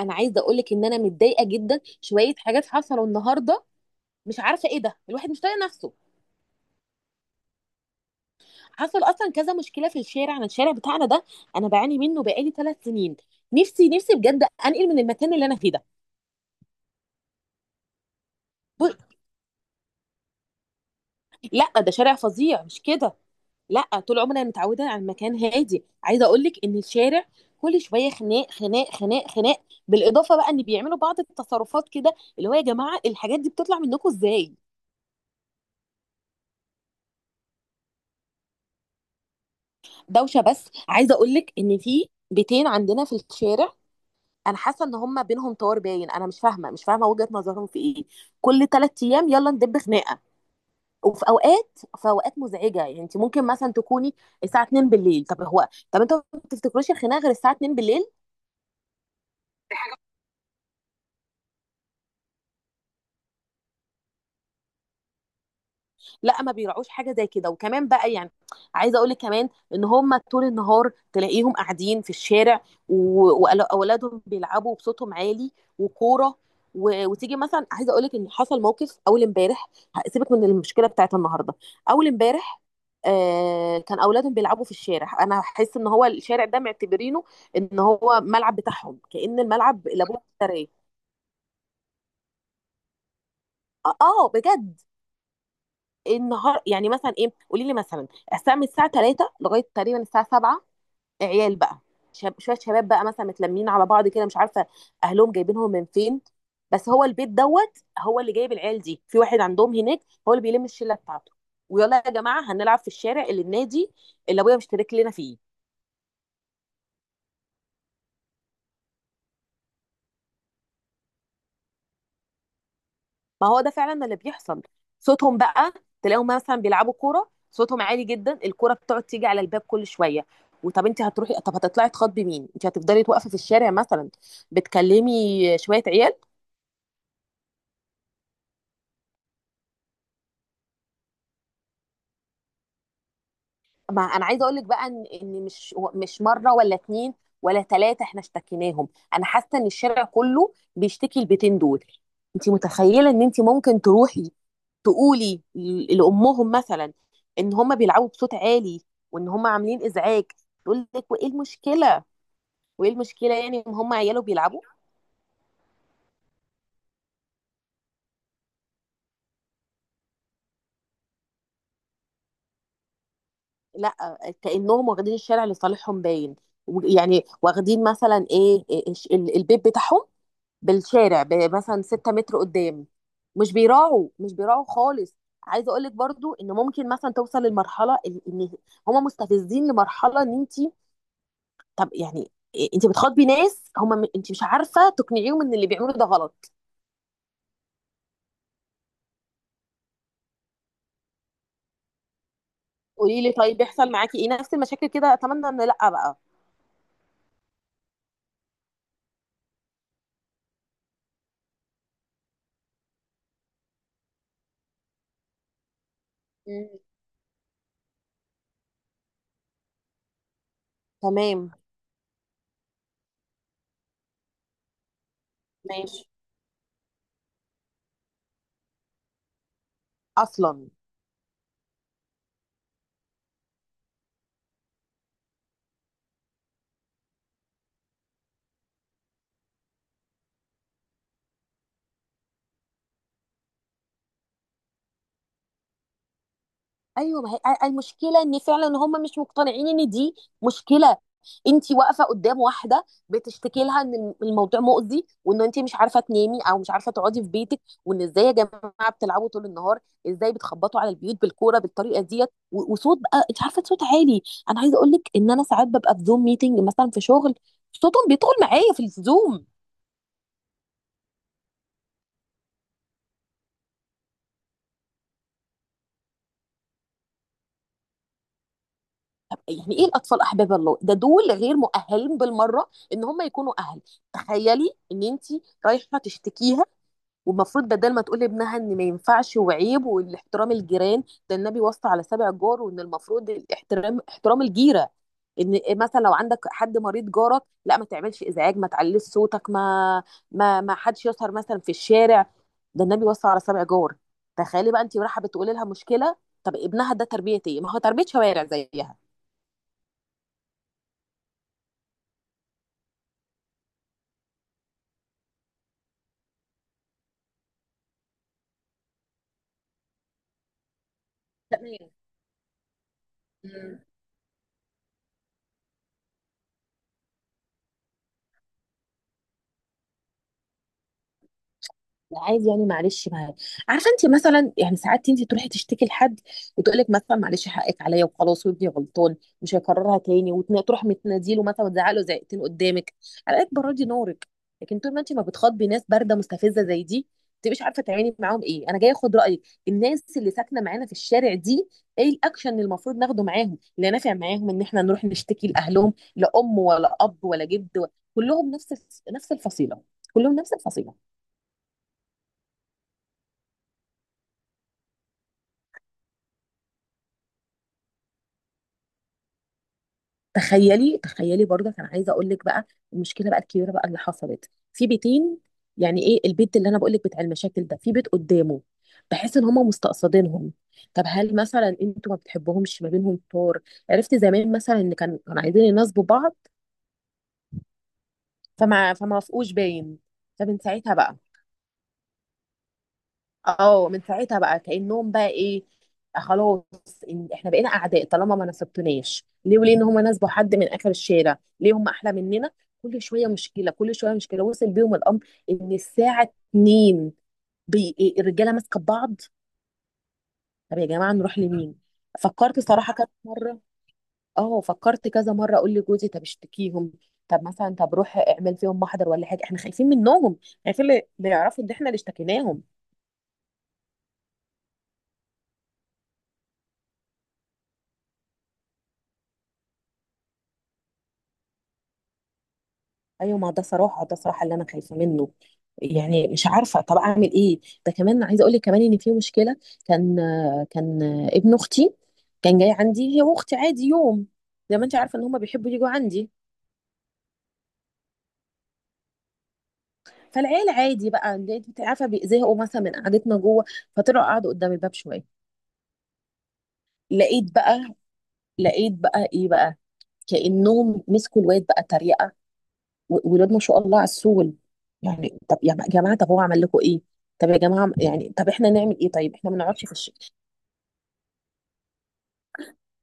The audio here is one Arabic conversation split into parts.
انا عايزه اقول لك ان انا متضايقه جدا شويه حاجات حصلوا النهارده. مش عارفه ايه ده، الواحد مش طايق نفسه. حصل اصلا كذا مشكله في الشارع، الشارع بتاعنا ده انا بعاني منه بقالي ثلاث سنين. نفسي نفسي بجد انقل من المكان اللي انا فيه ده. ب- لا، ده شارع فظيع مش كده؟ لا، طول عمري انا متعوده على المكان هادي. عايزه اقول لك ان الشارع كل شويه خناق خناق خناق خناق، بالاضافه بقى ان بيعملوا بعض التصرفات كده، اللي هو يا جماعه الحاجات دي بتطلع منكم ازاي؟ دوشه، بس عايزه اقول لك ان في بيتين عندنا في الشارع، انا حاسه ان هم بينهم طار باين. انا مش فاهمه وجهه نظرهم في ايه. كل ثلاث ايام يلا ندب خناقه. وفي اوقات في اوقات مزعجه، يعني انت ممكن مثلا تكوني الساعه 2 بالليل. طب هو، طب انتوا ما بتفتكروش الخناقه غير الساعه 2 بالليل؟ لا، ما بيراعوش حاجه زي كده. وكمان بقى يعني، عايزه اقول لك كمان ان هم طول النهار تلاقيهم قاعدين في الشارع، واولادهم بيلعبوا بصوتهم عالي وكوره وتيجي مثلا، عايزه اقول لك ان حصل موقف اول امبارح. سيبك من المشكله بتاعت النهارده، اول امبارح آه، كان اولادهم بيلعبوا في الشارع. انا احس ان هو الشارع ده معتبرينه ان هو ملعب بتاعهم، كأن الملعب اللي ابوه اشتراه. اه، آه، بجد. النهار يعني مثلا ايه؟ قولي لي مثلا الساعه من الساعه 3 لغايه تقريبا الساعه 7. عيال بقى، شويه شباب بقى مثلا متلمين على بعض كده. مش عارفه اهلهم جايبينهم من فين، بس هو البيت دوت هو اللي جايب العيال دي، في واحد عندهم هناك هو اللي بيلم الشله بتاعته. ويلا يا جماعه هنلعب في الشارع اللي النادي اللي ابويا مشترك لنا فيه. ما هو ده فعلا اللي بيحصل. صوتهم بقى، تلاقيهم مثلا بيلعبوا كوره صوتهم عالي جدا، الكوره بتقعد تيجي على الباب كل شويه. وطب انت هتروحي؟ طب هتطلعي تخاطبي مين؟ انت هتفضلي واقفه في الشارع مثلا بتكلمي شويه عيال؟ ما انا عايزه اقول لك بقى ان إن مش مش مره ولا اتنين ولا ثلاثه احنا اشتكيناهم. انا حاسه ان الشارع كله بيشتكي البيتين دول. انت متخيله ان انت ممكن تروحي تقولي لامهم مثلا ان هم بيلعبوا بصوت عالي، وان هم عاملين ازعاج، تقول لك وايه المشكله؟ وايه المشكله يعني ان هم عياله بيلعبوا؟ لا، كانهم واخدين الشارع لصالحهم باين. يعني واخدين مثلا ايه، البيت بتاعهم بالشارع مثلا 6 متر قدام. مش بيراعوا مش بيراعوا خالص. عايزه اقول لك برضو ان ممكن مثلا توصل للمرحله ان هم مستفزين لمرحله ان انت، طب يعني إيه، انت بتخاطبي ناس هم، انت مش عارفه تقنعيهم ان اللي بيعملوه ده غلط. قولي لي طيب، بيحصل معاكي ايه، نفس المشاكل كده؟ اتمنى ان لا بقى. مم. تمام. ماشي. اصلا. ايوه، ما هي المشكله ان فعلا هم مش مقتنعين ان دي مشكله. انت واقفه قدام واحده بتشتكي لها ان الموضوع مؤذي، وان انت مش عارفه تنامي او مش عارفه تقعدي في بيتك، وان ازاي يا جماعه بتلعبوا طول النهار؟ ازاي بتخبطوا على البيوت بالكوره بالطريقه ديت وصوت بقى، انت عارفه، صوت عالي. انا عايزه اقول لك ان انا ساعات ببقى في زوم ميتنج مثلا في شغل، صوتهم بيدخل معايا في الزوم. طب يعني ايه الاطفال احباب الله ده؟ دول غير مؤهلين بالمره ان هم يكونوا اهل. تخيلي ان انت رايحه تشتكيها، والمفروض بدل ما تقول لابنها ان ما ينفعش وعيب والاحترام الجيران، ده النبي وصى على سبع جار، وان المفروض الاحترام احترام الجيره. ان مثلا لو عندك حد مريض جارك، لا، ما تعملش ازعاج، ما تعليش صوتك، ما حدش يسهر مثلا في الشارع. ده النبي وصى على سبع جار. تخيلي بقى انت رايحه بتقولي لها مشكله، طب ابنها ده تربيه ايه؟ ما هو تربيه شوارع زيها. تمام. مم. عادي يعني، معلش، معايا. عارفه انت مثلا يعني ساعات انت تروحي تشتكي لحد، وتقول لك مثلا معلش حقك عليا، وخلاص وابني غلطان مش هيكررها تاني، وتروح متناديله مثلا وتزعله زعقتين قدامك، على قد بردي نورك. لكن طول ما انت ما بتخاطبي ناس بارده مستفزه زي دي، ما تبقيش عارفه تعملي معاهم ايه. انا جايه اخد رايك، الناس اللي ساكنه معانا في الشارع دي، ايه الاكشن اللي المفروض ناخده معاهم؟ اللي نافع معاهم ان احنا نروح نشتكي لاهلهم؟ لا ام ولا اب ولا جد كلهم نفس، نفس الفصيله، كلهم نفس الفصيله. تخيلي تخيلي برضه، انا عايزه اقول لك بقى المشكله بقى الكبيره بقى اللي حصلت في بيتين. يعني ايه البيت اللي انا بقول لك بتاع المشاكل ده؟ في بيت قدامه بحس ان هم مستقصدينهم. طب هل مثلا انتوا ما بتحبوهمش؟ ما بينهم طور؟ عرفت زمان مثلا ان كانوا عايزين يناسبوا بعض، فما وافقوش باين. طب انت ساعتها بقى، اه، من ساعتها بقى كأنهم بقى ايه، آه، خلاص، إن احنا بقينا اعداء طالما ما نصبتوناش، ليه وليه ان هم ناسبوا حد من اخر الشارع، ليه هم احلى مننا؟ كل شويه مشكله كل شويه مشكله، وصل بيهم الامر ان الساعه 2 بي... إيه، الرجاله ماسكه ببعض. طب يا جماعه نروح لمين؟ فكرت صراحه كذا مره. اه فكرت كذا مره اقول لجوزي طب اشتكيهم، طب مثلا طب روح اعمل فيهم محضر ولا حاجه، احنا خايفين منهم، خايفين اللي يعرفوا ان احنا اللي اشتكيناهم. ايوه، ما ده صراحه ده صراحه اللي انا خايفه منه، يعني مش عارفه طب اعمل ايه. ده كمان عايزه اقول لك كمان ان في مشكله. كان كان ابن اختي كان جاي عندي هي واختي عادي يوم، زي ما انت عارفه ان هم بيحبوا يجوا عندي. فالعيال عادي بقى، انت عارفه بيزهقوا مثلا من قعدتنا جوه، فطلعوا قعدوا قدام الباب شويه. لقيت بقى لقيت بقى ايه بقى، كانهم مسكوا الواد بقى تريقه، ولاد ما شاء الله عسول. يعني طب يا جماعه طب هو عمل لكم ايه؟ طب يا جماعه يعني طب احنا نعمل ايه؟ طيب احنا ما نقعدش في الشكل.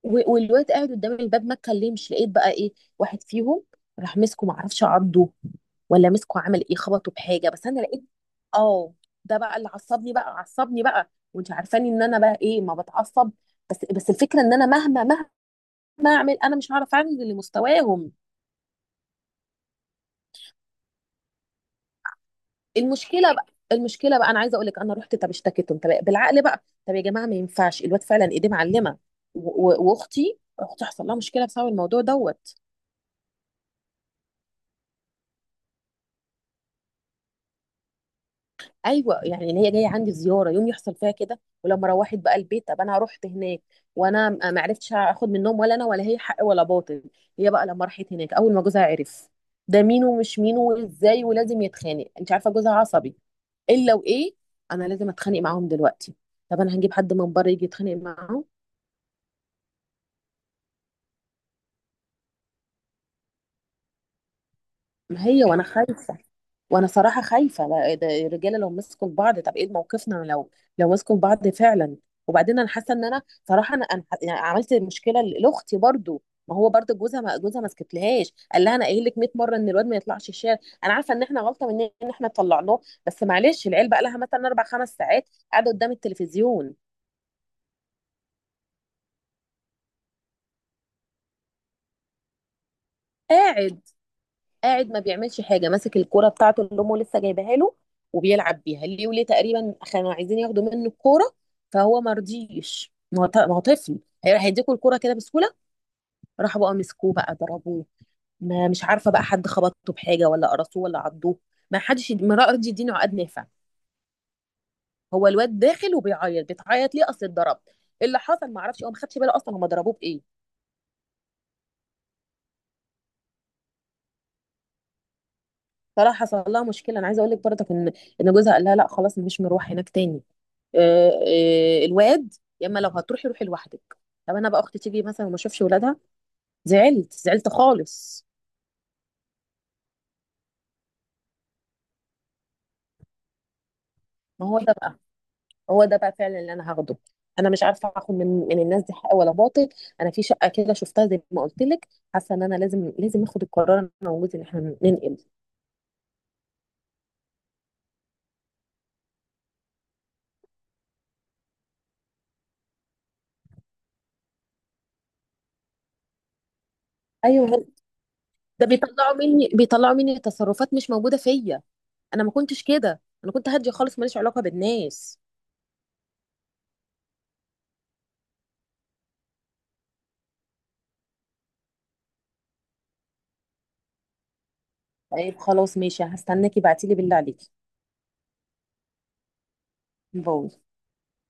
والواد قاعد قدام الباب ما اتكلمش. لقيت بقى ايه؟ واحد فيهم راح مسكه، ما اعرفش عضه ولا مسكه عمل ايه خبطه بحاجه، بس انا لقيت. اه، ده بقى اللي عصبني بقى، عصبني بقى، وانت عارفاني ان انا بقى ايه، ما بتعصب. بس الفكره ان انا مهما مهما اعمل انا مش هعرف اعمل لمستواهم. المشكله بقى المشكله بقى، انا عايزه اقول لك انا رحت طب اشتكيتهم، طب بالعقل بقى، طب يا جماعه ما ينفعش، الواد فعلا ايديه معلمه، و اختي حصل لها مشكله بسبب الموضوع دوت. ايوه يعني ان هي جايه عندي زياره يوم يحصل فيها كده، ولما روحت بقى البيت، طب انا رحت هناك، وانا ما عرفتش اخد منهم ولا انا ولا هي حق ولا باطل. هي بقى لما راحت هناك، اول ما جوزها عرف ده مين ومش مين وازاي، ولازم يتخانق، انت عارفه جوزها عصبي. الا وايه، انا لازم اتخانق معاهم دلوقتي؟ طب انا هنجيب حد من بره يجي يتخانق معاهم؟ ما هي وانا خايفه، وانا صراحه خايفه، لا، إيه ده، الرجاله لو مسكوا في بعض، طب ايه موقفنا لو مسكوا في بعض فعلا؟ وبعدين انا حاسه ان انا صراحه، يعني عملت مشكله لاختي برضو. ما هو برضو جوزها ما سكتلهاش، قال لها انا قايل لك 100 مره ان الواد ما يطلعش الشارع. انا عارفه ان احنا غلطه مننا ان احنا طلعناه، بس معلش، العيال بقى لها مثلا اربع خمس ساعات قاعده قدام التلفزيون. قاعد قاعد ما بيعملش حاجه، ماسك الكوره بتاعته اللي امه لسه جايباها له وبيلعب بيها، ليه وليه تقريبا كانوا عايزين ياخدوا منه الكوره، فهو ما رضيش، ما هو ما هو طفل، هيديكوا الكوره كده بسهوله؟ راحوا بقى مسكوه بقى ضربوه، ما مش عارفه بقى حد خبطه بحاجه ولا قرصوه ولا عضوه، ما حدش ما راضي يديني عقد نافع. هو الواد داخل وبيعيط، بتعيط ليه؟ اصل اتضرب. إيه اللي حصل؟ ما اعرفش، هو ما خدش باله اصلا هم ضربوه بايه. طلع حصل لها مشكله، انا عايزه اقول لك برضه ان جوزها قال لها لا خلاص مش مروح هناك تاني. آه، آه، الواد، يا اما لو هتروحي روحي لوحدك. طب انا بقى، اختي تيجي مثلا وما اشوفش ولادها؟ زعلت زعلت خالص. ما هو ده بقى هو ده بقى فعلا اللي انا هاخده، انا مش عارفه اخد من الناس دي حق ولا باطل. انا في شقه كده شفتها زي ما قلت لك، حاسه ان انا لازم لازم اخد القرار انا وجوزي ان احنا ننقل. ايوه، ده بيطلعوا مني بيطلعوا مني تصرفات مش موجوده فيا، انا ما كنتش كده، انا كنت هاديه خالص ماليش علاقه بالناس. طيب، خلاص ماشي، هستناكي بعتيلي، بالله عليكي. باي.